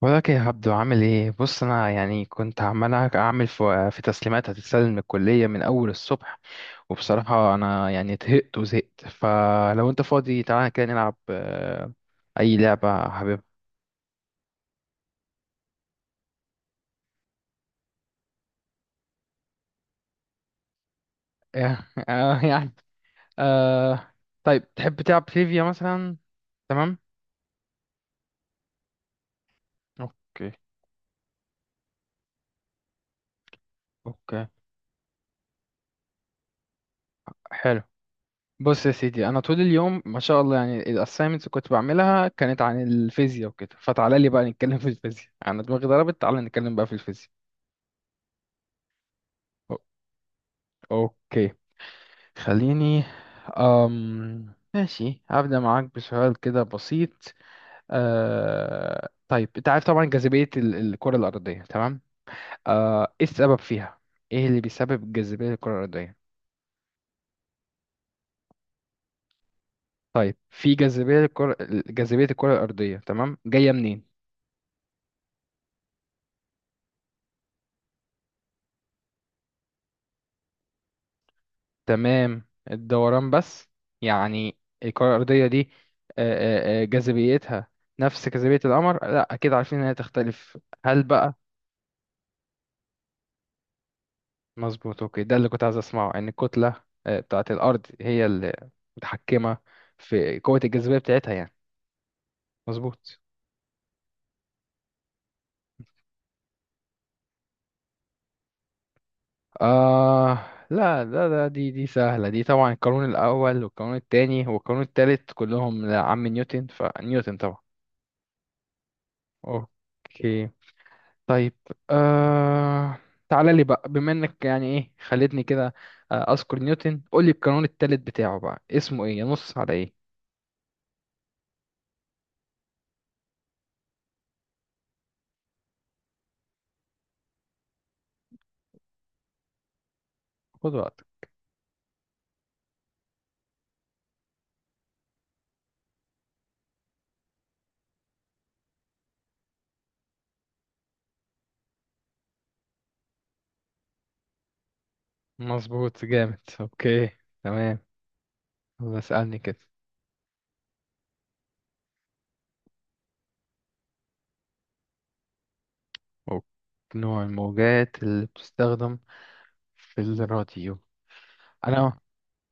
ولك يا عبدو، عامل ايه؟ بص، انا يعني كنت عمال اعمل في تسليمات هتتسلم من الكليه من اول الصبح، وبصراحه انا يعني طهقت وزهقت. فلو انت فاضي تعالى كده نلعب اي لعبه حبيبها. آه، يعني آه طيب، تحب تلعب تريفيا مثلا؟ تمام. اوكي، اوكي، حلو. بص يا سيدي، انا طول اليوم ما شاء الله، يعني الاسايمنتس كنت بعملها كانت عن الفيزياء وكده، فتعالى لي بقى نتكلم في الفيزياء، انا دماغي ضربت، تعالى نتكلم بقى في الفيزياء. اوكي، خليني. ماشي، هبدأ معاك بسؤال كده بسيط. طيب، انت عارف طبعا جاذبية الكرة الأرضية، تمام؟ ايه السبب فيها؟ ايه اللي بيسبب الجاذبية للكرة الأرضية؟ طيب، في جاذبية الكرة، جاذبية الكرة الأرضية، تمام، جاية منين؟ تمام، الدوران بس؟ يعني الكرة الأرضية دي أه... أه... آه، جاذبيتها نفس جاذبية القمر؟ لا، أكيد عارفين إنها تختلف، هل بقى؟ مظبوط. اوكي، ده اللي كنت عايز اسمعه، ان الكتله بتاعه الارض هي اللي متحكمه في قوه الجاذبيه بتاعتها يعني، مظبوط. آه. لا، ده دي سهله دي طبعا، القانون الاول والقانون الثاني والقانون الثالث كلهم لعم نيوتن، فنيوتن طبعا. اوكي، طيب. آه تعالى لي بقى، بما انك يعني ايه خلتني كده، اذكر نيوتن، قول لي القانون الثالث بتاعه بقى، اسمه ايه، ينص على ايه؟ خد وقتك. مظبوط، جامد، اوكي، تمام. هو اسألني كده. أو- نوع الموجات اللي بتستخدم في الراديو؟ أنا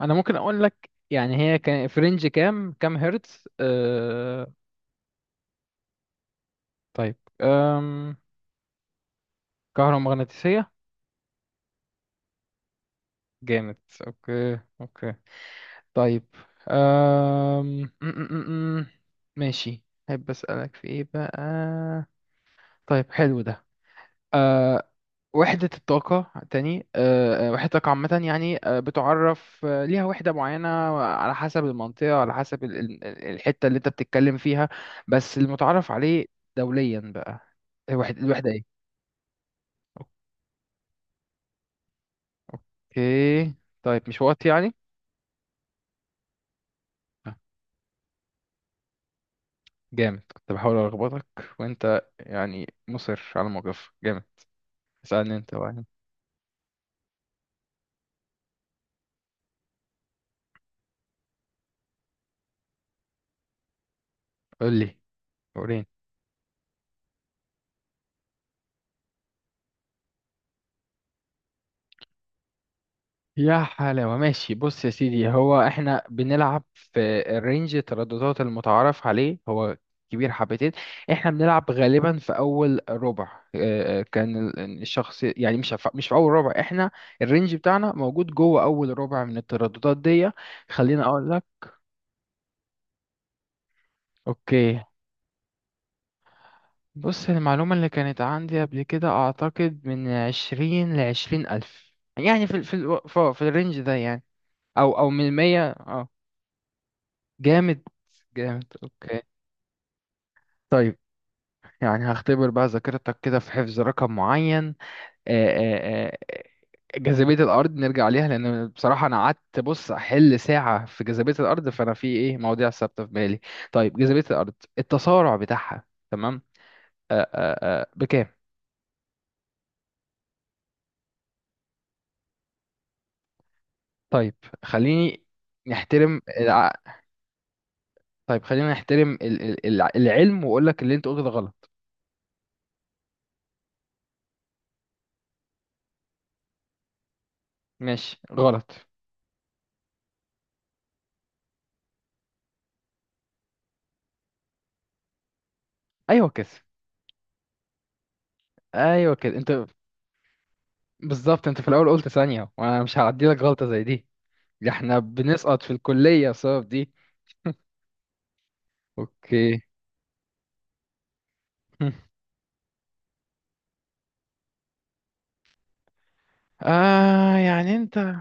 أنا ممكن أقول لك يعني هي كان في رينج كام هرتز. طيب. أم... كهرومغناطيسية. جامد. أوكي، أوكي. طيب. أم... م- م- م- م. ماشي، أحب أسألك في إيه بقى. طيب حلو ده. آه، وحدة الطاقة تاني، وحدة الطاقة عامة، يعني بتعرف ليها وحدة معينة على حسب المنطقة، على حسب الحتة اللي انت بتتكلم فيها، بس المتعارف عليه دوليا بقى، الوحدة ايه؟ اوكي، طيب، مش وقت يعني؟ آه، جامد، كنت بحاول ألخبطك، وانت يعني مصر على الموقف، جامد. اسألني انت بقى. قول لي، وريني. يا حلاوة، ماشي، بص يا سيدي، هو احنا بنلعب في الرينج، الترددات المتعارف عليه هو كبير حبتين، احنا بنلعب غالبا في اول ربع. اه، كان الشخص يعني، مش في اول ربع، احنا الرينج بتاعنا موجود جوه اول ربع من الترددات دي، خلينا اقول لك. اوكي، بص، المعلومة اللي كانت عندي قبل كده، اعتقد من 20 لـ 20,000، يعني في ال- في الو- في في الرينج ده يعني، او من مية. آه. جامد، جامد، اوكي. طيب، يعني هختبر بقى ذاكرتك كده في حفظ رقم معين. آه، آه، آه، جاذبية الأرض نرجع ليها، لأن بصراحة أنا قعدت بص أحل ساعة في جاذبية الأرض، فأنا في إيه مواضيع ثابتة في بالي. طيب، جاذبية الأرض، التسارع بتاعها، تمام، بكام؟ طيب خليني نحترم الع... طيب، خلينا نحترم العلم، وأقول لك اللي أنت قلته ده غلط. ماشي، غلط. أيوه كده. ايوه كده، انت بالظبط انت في الاول قلت ثانية، وانا مش هعدي لك غلطة زي دي، ده احنا بنسقط في الكلية بسبب دي. اوكي. اه يعني انت.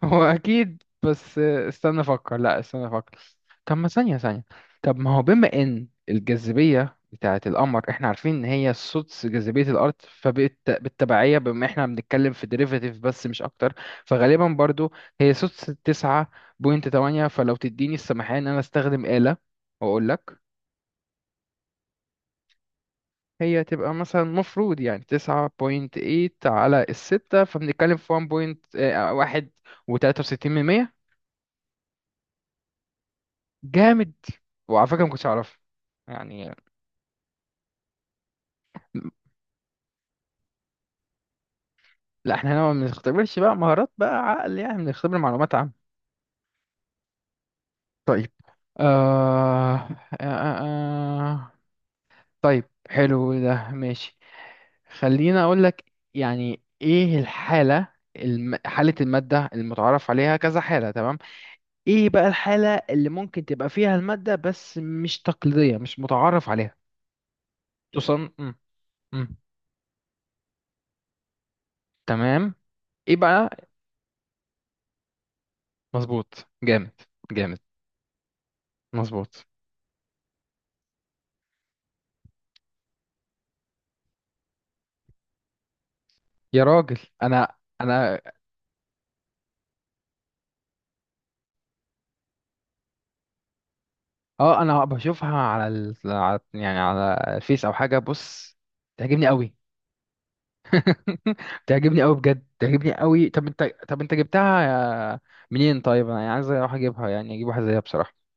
هو اكيد، بس استنى افكر، لا استنى افكر. طب ما ثانية، ثانية. طب ما هو بما ان الجاذبية بتاعة القمر، احنا عارفين ان هي سدس جاذبية الارض، فبالتبعية، بما احنا بنتكلم في ديريفاتيف بس مش اكتر، فغالبا برضو هي سدس 9.8، فلو تديني السماحية ان انا استخدم آلة واقول لك. هي تبقى مثلا مفروض يعني 9.8/6، فبنتكلم في ون بوينت، واحد وتلاتة وستين من مية. جامد، وعلى فكرة ما كنتش أعرفها يعني. لا، احنا هنا ما بنختبرش بقى مهارات بقى عقل يعني، بنختبر معلومات عامة. طيب. آه... آه... آه... آه. طيب حلو ده، ماشي، خلينا اقول لك، يعني ايه الحالة، حالة المادة المتعارف عليها كذا حالة، تمام، ايه بقى الحالة اللي ممكن تبقى فيها المادة بس مش تقليدية، مش متعارف عليها؟ تصن م. م. تمام، ايه بقى. مظبوط، جامد، جامد، مظبوط. يا راجل، انا اه انا بشوفها على يعني على الفيس او حاجة، بص. تعجبني قوي. تعجبني قوي بجد، تعجبني قوي. طب انت، طب انت جبتها منين؟ طيب، انا يعني عايز اروح اجيبها، يعني اجيب واحدة زيها بصراحة.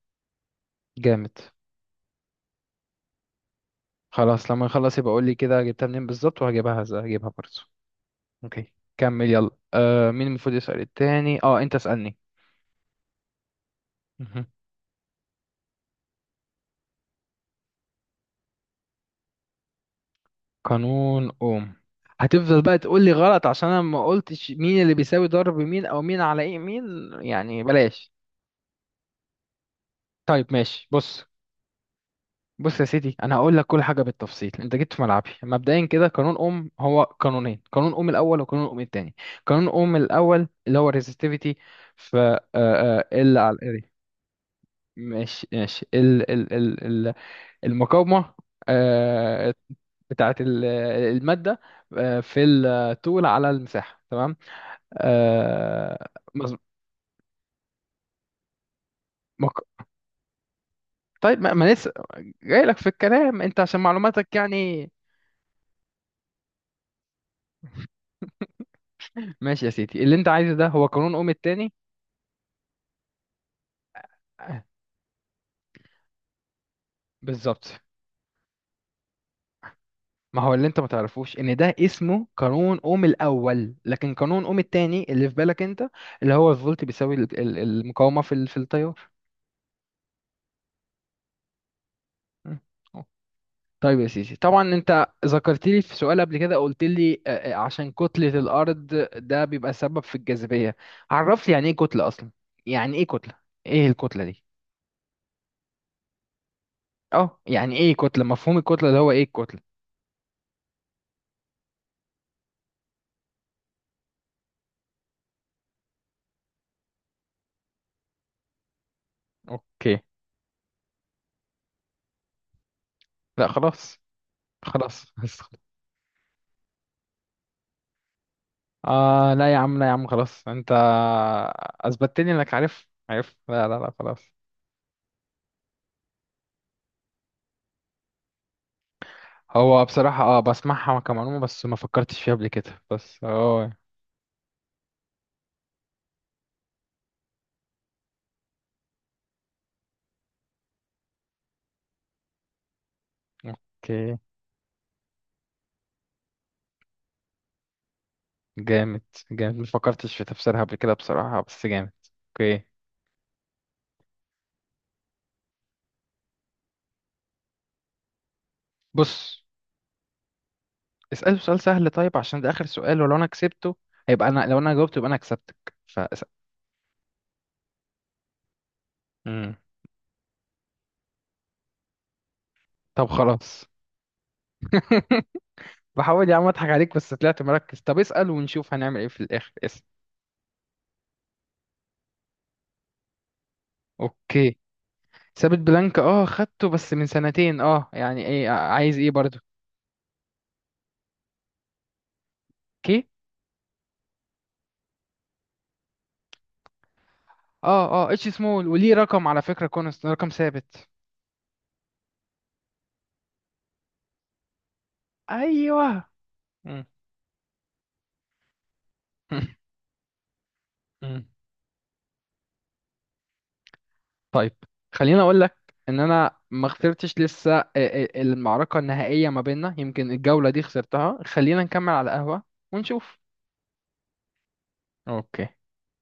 جامد. خلاص، لما نخلص يبقى قول لي كده جبتها منين بالظبط، وهجيبها، هجيبها برضه. اوكي، كمل يلا. آه، مين المفروض يسأل التاني؟ اه، انت اسألني. مهم. قانون اوم، هتفضل بقى تقول لي غلط، عشان انا ما قلتش مين اللي بيساوي ضرب مين، او مين على ايه مين، يعني بلاش. طيب، ماشي، بص. بص يا سيدي، انا هقول لك كل حاجه بالتفصيل، انت جيت في ملعبي مبدئيا كده. قانون اوم هو قانونين، قانون اوم الاول وقانون اوم التاني. قانون اوم الاول اللي هو الريزستيفيتي، ف ال على الاري. ماشي، ماشي، ال المقاومة، آه، بتاعة المادة، في الطول على المساحة، تمام، آه، مظ- مق- طيب، ما لسه جاي لك في الكلام انت، عشان معلوماتك يعني. ماشي يا سيدي، اللي انت عايزه ده هو قانون اوم التاني. آه، بالظبط. ما هو اللي انت ما تعرفوش ان ده اسمه قانون اوم الاول، لكن قانون اوم التاني اللي في بالك انت، اللي هو الفولت بيساوي المقاومة في التيار. طيب يا سيدي، طبعا انت ذكرت لي في سؤال قبل كده، قلت لي عشان كتلة الارض ده بيبقى سبب في الجاذبية. عرف لي يعني ايه كتلة اصلا، يعني ايه كتلة، ايه الكتلة دي؟ اه، يعني ايه كتلة، مفهوم الكتلة ده، هو ايه الكتلة؟ اوكي، لا خلاص، خلاص. اه لا يا عم، لا يا عم، خلاص، انت اثبتت لي انك عارف، عارف، لا لا لا خلاص. هو بصراحة اه بسمعها كمعلومة، بس ما فكرتش فيها قبل كده، بس اه. اوكي، جامد، جامد، ما فكرتش في تفسيرها قبل كده بصراحة، بس جامد. اوكي. بص، اسأله سؤال سهل، طيب عشان ده آخر سؤال، ولو انا كسبته هيبقى انا، لو انا جاوبته يبقى انا كسبتك، فاسأل. مم. طب خلاص. بحاول يا عم اضحك عليك، بس طلعت مركز، طب اسأل ونشوف هنعمل ايه في الآخر، اسأل. اوكي. ثابت بلانك، اه خدته بس من سنتين، اه يعني ايه، عايز ايه برضو؟ اوكي. اه، اه، اتش سمول، وليه رقم على فكرة، كونست، رقم ثابت. ايوه. مم. طيب، خليني اقول لك ان انا ما خسرتش لسه، المعركه النهائيه ما بيننا، يمكن الجوله دي خسرتها، خلينا نكمل على قهوه ونشوف. اوكي